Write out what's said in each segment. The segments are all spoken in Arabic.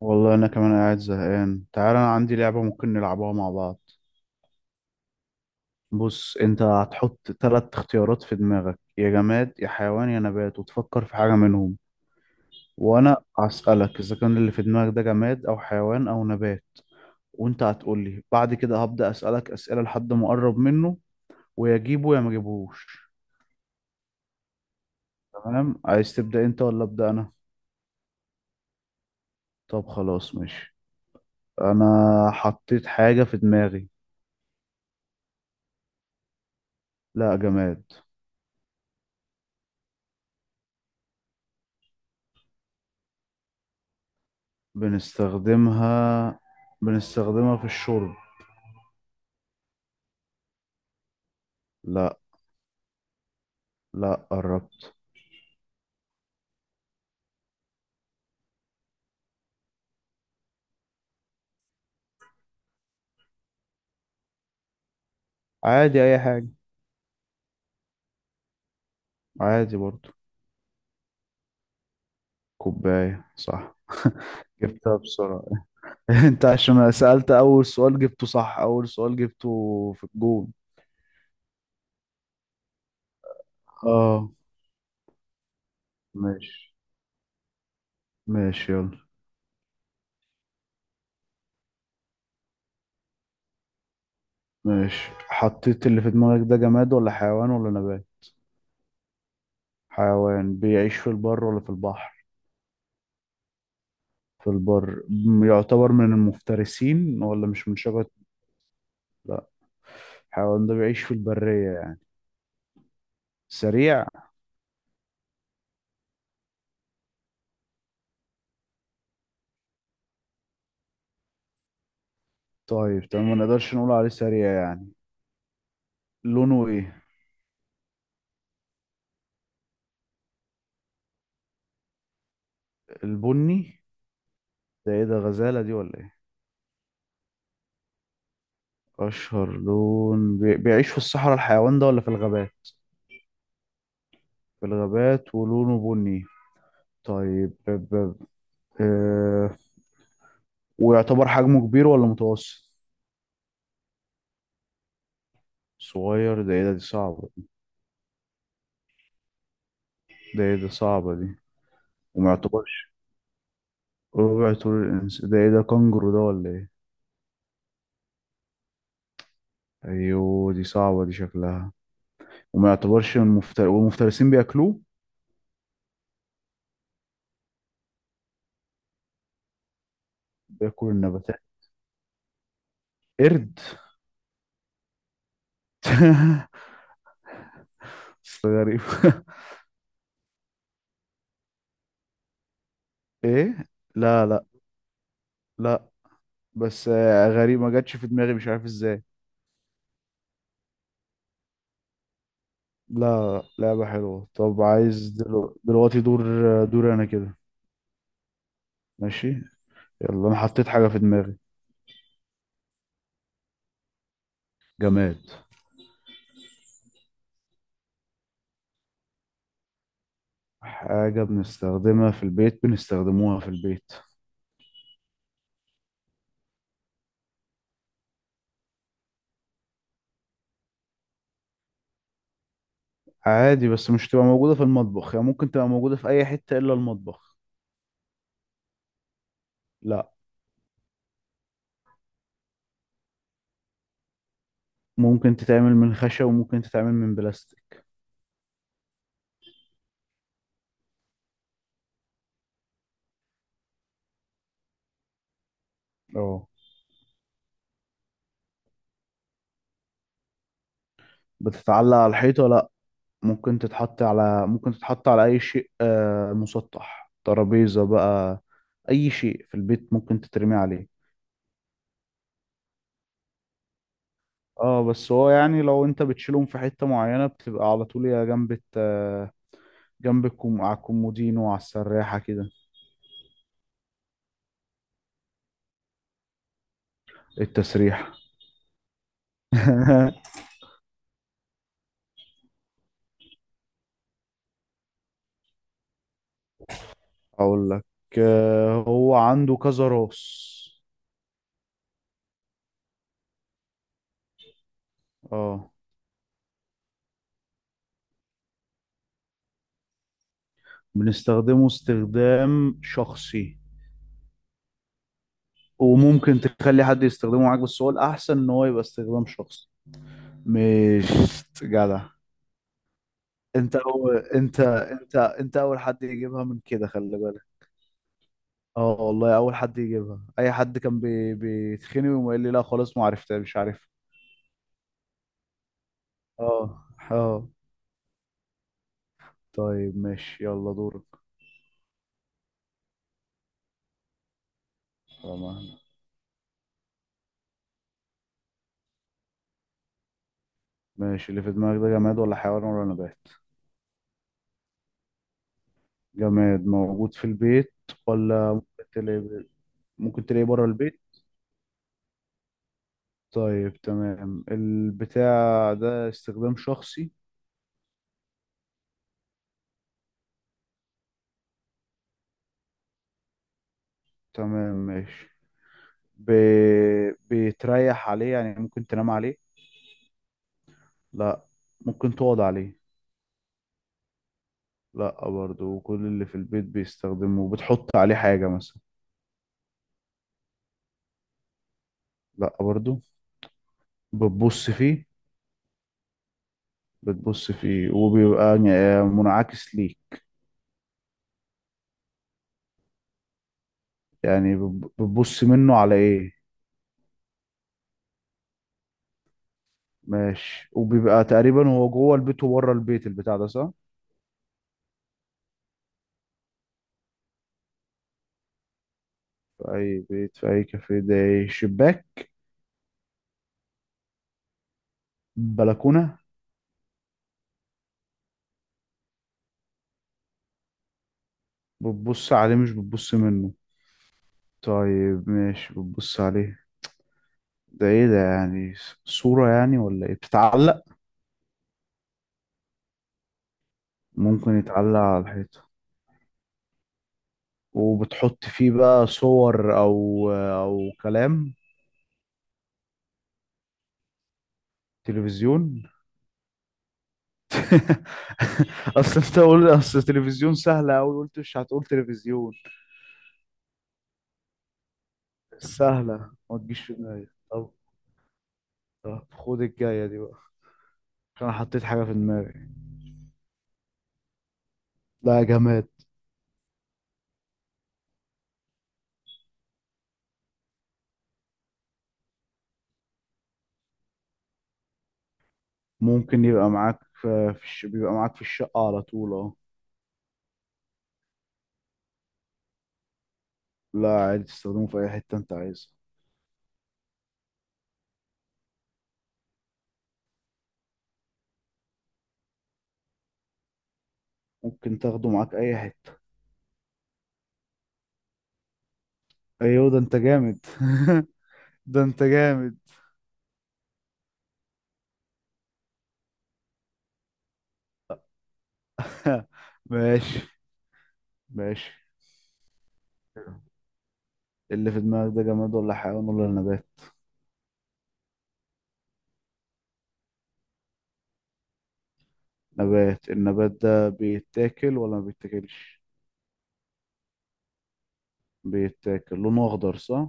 والله انا كمان قاعد زهقان. تعال، انا عندي لعبة ممكن نلعبها مع بعض. بص، انت هتحط ثلاث اختيارات في دماغك: يا جماد يا حيوان يا نبات، وتفكر في حاجة منهم، وانا هسألك اذا كان اللي في دماغك ده جماد او حيوان او نبات، وانت هتقول لي. بعد كده هبدأ اسألك اسئلة لحد ما اقرب منه، ويا جيبه يا ما جيبهوش. تمام، عايز تبدأ انت ولا ابدأ انا؟ طب خلاص ماشي. انا حطيت حاجة في دماغي. لا، جماد. بنستخدمها، بنستخدمها في الشرب. لا. لا، قربت. عادي، اي حاجة. عادي برضو. كوباية، صح. جبتها بسرعة. انت عشان سألت اول سؤال جبته صح، اول سؤال جبته في الجون. اه. ماشي. يلا. ماشي، حطيت؟ اللي في دماغك ده جماد ولا حيوان ولا نبات؟ حيوان بيعيش في البر ولا في البحر؟ في البر، يعتبر من المفترسين ولا مش من شجرة؟ لا. الحيوان ده بيعيش في البرية؟ سريع؟ طيب تمام، ما نقدرش نقول عليه سريع يعني. لونه ايه؟ البني. ده ايه ده، غزالة دي ولا ايه؟ اشهر لون بيعيش في الصحراء الحيوان ده ولا في الغابات؟ في الغابات ولونه بني. طيب آه... ويعتبر حجمه كبير ولا متوسط؟ صغير؟ ده ايه ده، دي صعبة. ده ايه ده، صعبة دي. وما يعتبرش ربع طول ده ايه ده، كانجرو ده ولا ايه؟ ايوه، دي صعبة دي شكلها. وما يعتبرش من والمفترسين بياكلوه؟ بياكلوا النباتات. قرد. بس غريب. ايه؟ لا لا. بس غريب، ما جاتش في دماغي، مش عارف ازاي. لا، لعبة حلوة. طب عايز دلوقتي دور؟ دور انا كده. ماشي. يلا، انا حطيت حاجة في دماغي. جماد. حاجة بنستخدمها في البيت، بنستخدموها في البيت. عادي، بس مش تبقى موجودة في المطبخ، يعني ممكن تبقى موجودة في اي حتة الا المطبخ. لا. ممكن تتعمل من خشب وممكن تتعمل من بلاستيك. اه. بتتعلق على الحيطة؟ لا. ممكن تتحط على أي شيء مسطح، ترابيزة بقى. أي شيء في البيت ممكن تترمي عليه. اه، بس هو يعني لو انت بتشيلهم في حتة معينة، بتبقى على طول يا جنب جنب على الكومودينو وعلى السراحة كده. التسريح. اقول لك، هو عنده كذا راس. اه. بنستخدمه استخدام شخصي، وممكن تخلي حد يستخدمه معاك، بس هو الأحسن ان هو يبقى استخدام شخصي. مش جدع. انت أول، انت اول حد يجيبها من كده، خلي بالك. اه والله، اول حد يجيبها. اي حد كان بيتخني ويقول لي لا خلاص ما عرفتها، مش عارف. اه. اه طيب ماشي، يلا دورك. طبعا. ماشي، اللي في دماغك ده جماد ولا حيوان ولا نبات؟ جماد موجود في البيت، ولا ممكن تلاقيه؟ ممكن تلاقيه بره البيت؟ طيب تمام، البتاع ده استخدام شخصي؟ تمام ماشي. ب... بتريح عليه يعني، ممكن تنام عليه؟ لا. ممكن تقعد عليه؟ لا برضه، وكل اللي في البيت بيستخدمه، بتحط عليه حاجة مثلا؟ لا برضه. بتبص فيه؟ بتبص فيه وبيبقى يعني منعكس ليك؟ يعني بتبص منه على ايه؟ ماشي. وبيبقى تقريبا هو جوه البيت وبره البيت البتاع ده، صح؟ في اي بيت في اي كافيه. ده إيه؟ شباك؟ بلكونة؟ بتبص عليه مش بتبص منه؟ طيب ماشي، بتبص عليه. ده ايه ده يعني، صورة يعني ولا ايه، بتتعلق؟ ممكن يتعلق على الحيطة. وبتحط فيه بقى صور او كلام؟ تلفزيون. اصل انت قول، اصل تلفزيون سهلة اوي، قلت مش هتقول تلفزيون. سهلة ما تجيش في دماغي، طب. طب خد الجاية دي بقى، عشان انا حطيت حاجة في دماغي. لا، جماد. ممكن يبقى معاك في بيبقى معاك في الشقة على طول، اه. لا عادي، تستخدمه في اي حتة انت عايزها. ممكن تاخده معاك اي حتة. ايوه، ده انت جامد. ده انت جامد. ماشي. ماشي، اللي في دماغك ده جماد ولا حيوان ولا نبات؟ نبات. النبات ده بيتاكل ولا ما بيتاكلش؟ بيتاكل. لونه اخضر، صح؟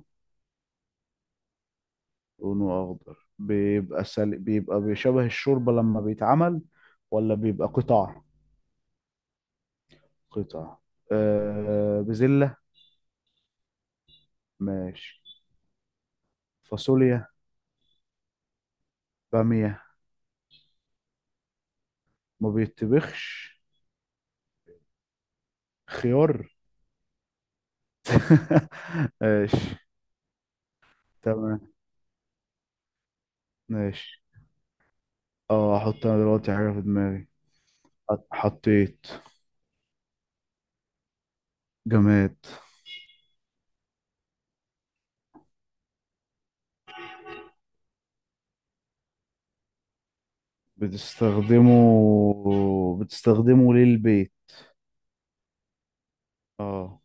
لونه اخضر بيبقى بيبقى بيشبه الشوربة لما بيتعمل، ولا بيبقى قطع؟ قطع. بزلة؟ ماشي. فاصوليا؟ بامية؟ ما بيتبخش. خيار. ماشي. تمام. ماشي. اه، احط انا دلوقتي حاجة في دماغي. حطيت. جماد. بتستخدمه، بتستخدمه للبيت. اه.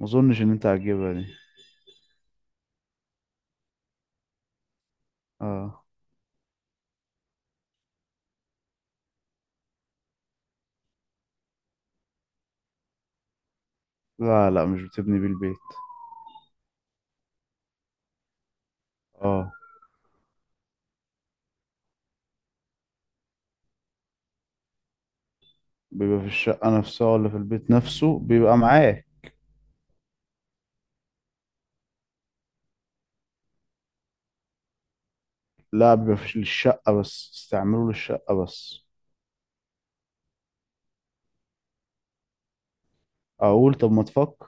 ما اظنش ان انت هتجيبها دي. اه. لا لا، مش بتبني بيه البيت. اه. بيبقى في الشقة نفسها ولا في البيت نفسه؟ بيبقى معاك، لا بيبقى في الشقة بس، استعمله للشقة بس. اقول؟ طب ما تفكر.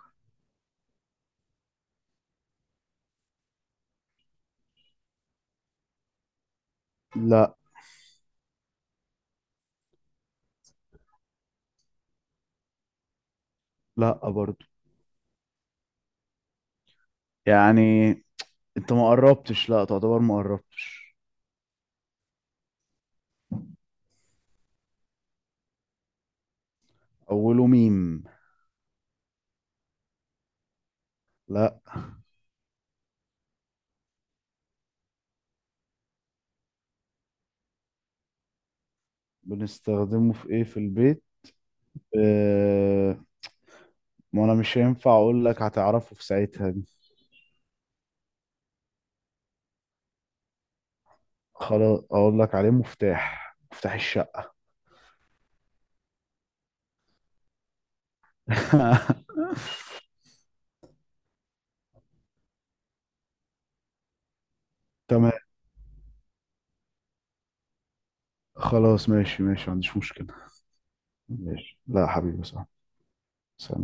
لا. لا برضو. يعني انت ما قربتش، لا تعتبر ما قربتش. اوله ميم. لا. بنستخدمه في ايه في البيت. آه، ما انا مش هينفع اقول لك، هتعرفه في ساعتها دي. خلاص اقول لك عليه، مفتاح، مفتاح الشقة. تمام. خلاص ماشي، ماشي، ما عنديش مشكلة. ماشي، لا حبيبي، صح. سلام.